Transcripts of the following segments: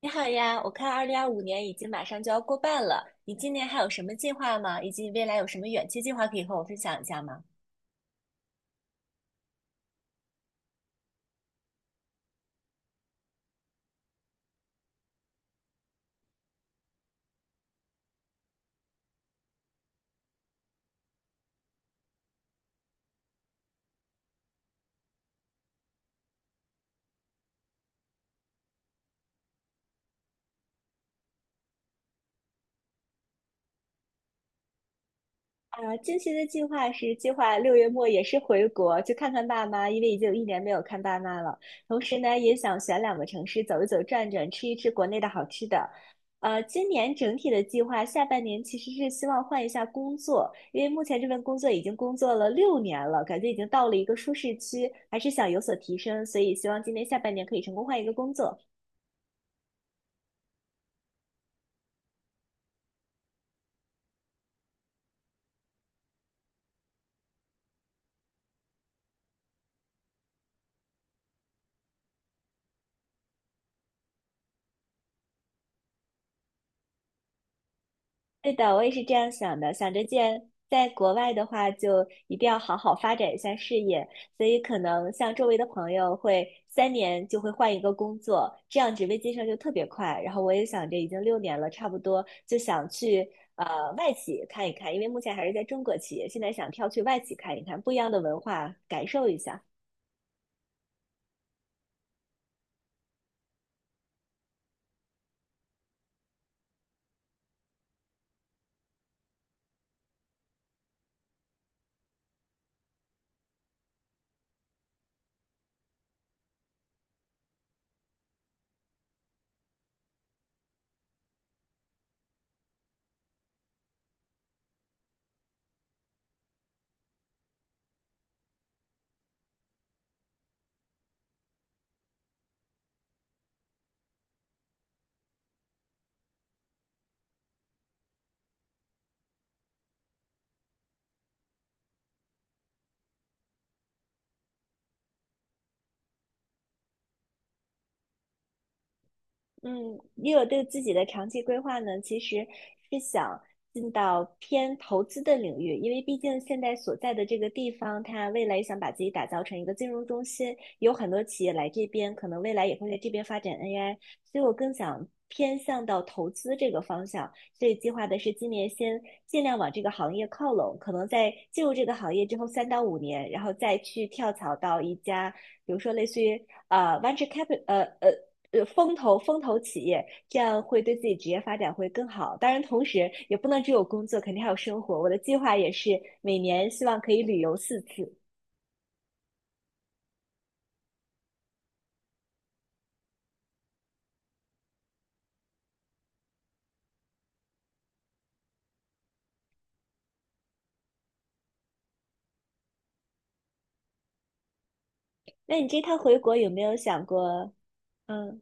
你好呀，我看二零二五年已经马上就要过半了，你今年还有什么计划吗？以及未来有什么远期计划可以和我分享一下吗？啊，近期的计划是计划六月末也是回国去看看爸妈，因为已经有一年没有看爸妈了。同时呢，也想选两个城市走一走、转转，吃一吃国内的好吃的。今年整体的计划，下半年其实是希望换一下工作，因为目前这份工作已经工作了六年了，感觉已经到了一个舒适区，还是想有所提升，所以希望今年下半年可以成功换一个工作。对的，我也是这样想的，想着既然在国外的话，就一定要好好发展一下事业，所以可能像周围的朋友会三年就会换一个工作，这样职位晋升就特别快。然后我也想着已经六年了，差不多就想去外企看一看，因为目前还是在中国企业，现在想跳去外企看一看，不一样的文化感受一下。嗯，也有对自己的长期规划呢，其实是想进到偏投资的领域，因为毕竟现在所在的这个地方，它未来想把自己打造成一个金融中心，有很多企业来这边，可能未来也会在这边发展 AI，所以我更想偏向到投资这个方向，所以计划的是今年先尽量往这个行业靠拢，可能在进入这个行业之后三到五年，然后再去跳槽到一家，比如说类似于venture capital，风投企业，这样会对自己职业发展会更好。当然，同时也不能只有工作，肯定还有生活。我的计划也是每年希望可以旅游四次。那你这趟回国有没有想过？嗯，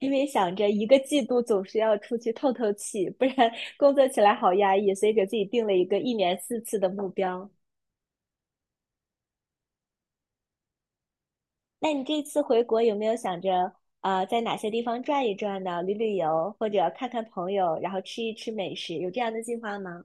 因为想着一个季度总是要出去透透气，不然 工作起来好压抑，所以给自己定了一个一年四次的目标。那你这次回国有没有想着，啊，在哪些地方转一转呢？旅游，或者看看朋友，然后吃一吃美食，有这样的计划吗？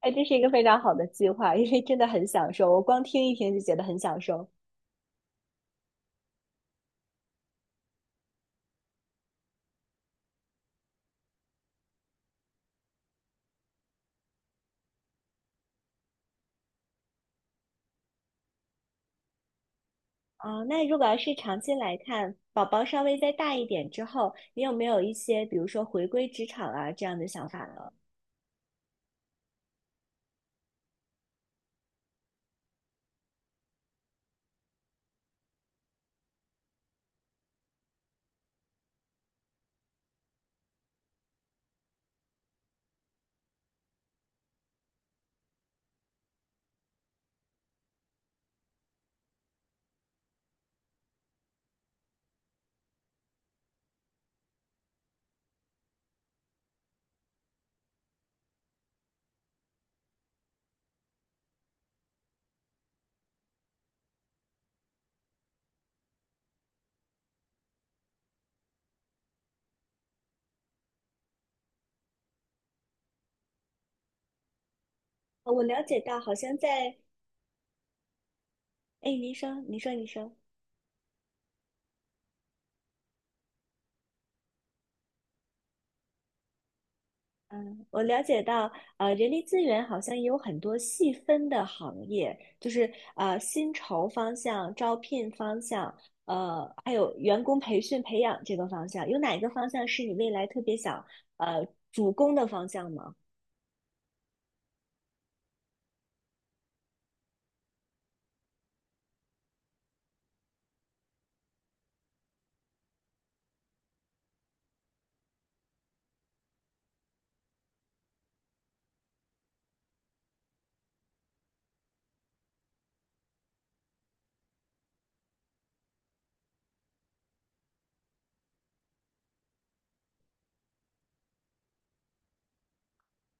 哎，这是一个非常好的计划，因为真的很享受，我光听一听就觉得很享受。啊，那如果要是长期来看，宝宝稍微再大一点之后，你有没有一些，比如说回归职场啊这样的想法呢？我了解到，好像在，哎，您说，您说，您说。嗯，我了解到，人力资源好像也有很多细分的行业，就是薪酬方向、招聘方向，还有员工培训培养这个方向，有哪一个方向是你未来特别想主攻的方向吗？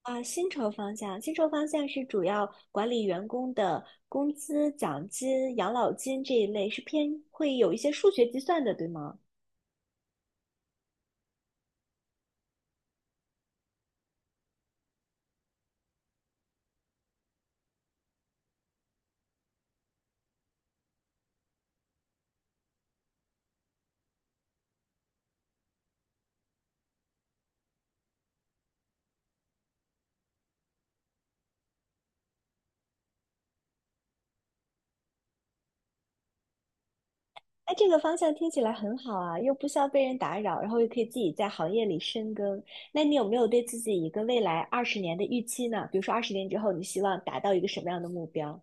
啊，薪酬方向，薪酬方向是主要管理员工的工资、奖金、养老金这一类，是偏会有一些数学计算的，对吗？哎，这个方向听起来很好啊，又不需要被人打扰，然后又可以自己在行业里深耕。那你有没有对自己一个未来二十年的预期呢？比如说二十年之后，你希望达到一个什么样的目标？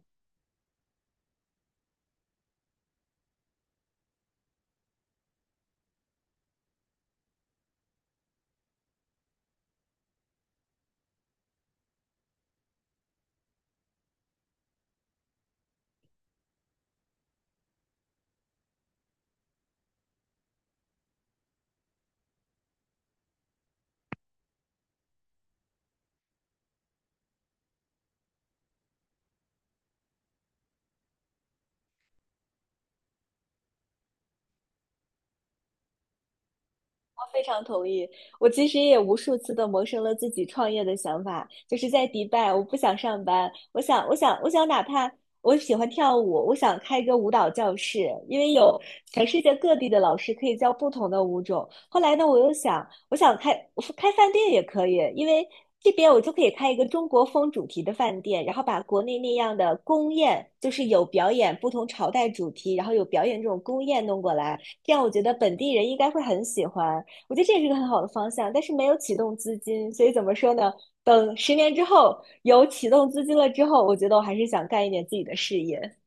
非常同意。我其实也无数次的萌生了自己创业的想法，就是在迪拜，我不想上班，我想，哪怕我喜欢跳舞，我想开一个舞蹈教室，因为有全世界各地的老师可以教不同的舞种。后来呢，我又想，我想开饭店也可以，因为这边我就可以开一个中国风主题的饭店，然后把国内那样的宫宴，就是有表演不同朝代主题，然后有表演这种宫宴弄过来，这样我觉得本地人应该会很喜欢。我觉得这也是一个很好的方向，但是没有启动资金，所以怎么说呢？等十年之后有启动资金了之后，我觉得我还是想干一点自己的事业。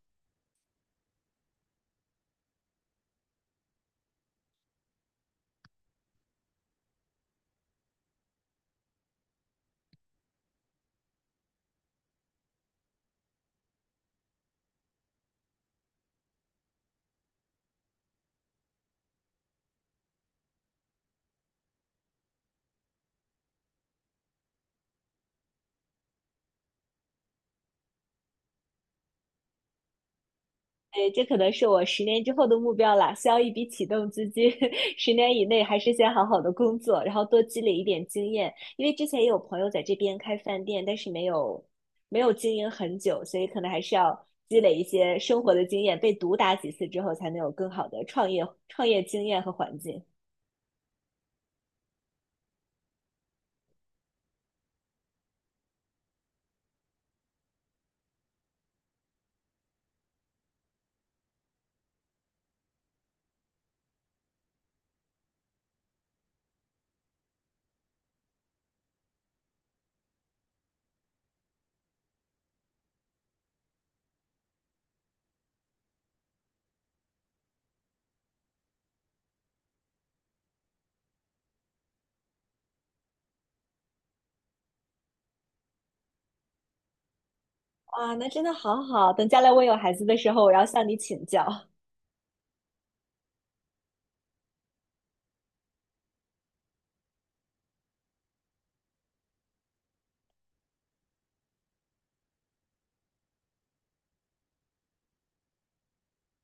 哎，这可能是我十年之后的目标啦，需要一笔启动资金。十年以内还是先好好的工作，然后多积累一点经验。因为之前也有朋友在这边开饭店，但是没有经营很久，所以可能还是要积累一些生活的经验，被毒打几次之后，才能有更好的创业经验和环境。哇，那真的好好，等将来我有孩子的时候，我要向你请教。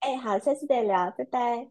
哎，好，下次再聊，拜拜。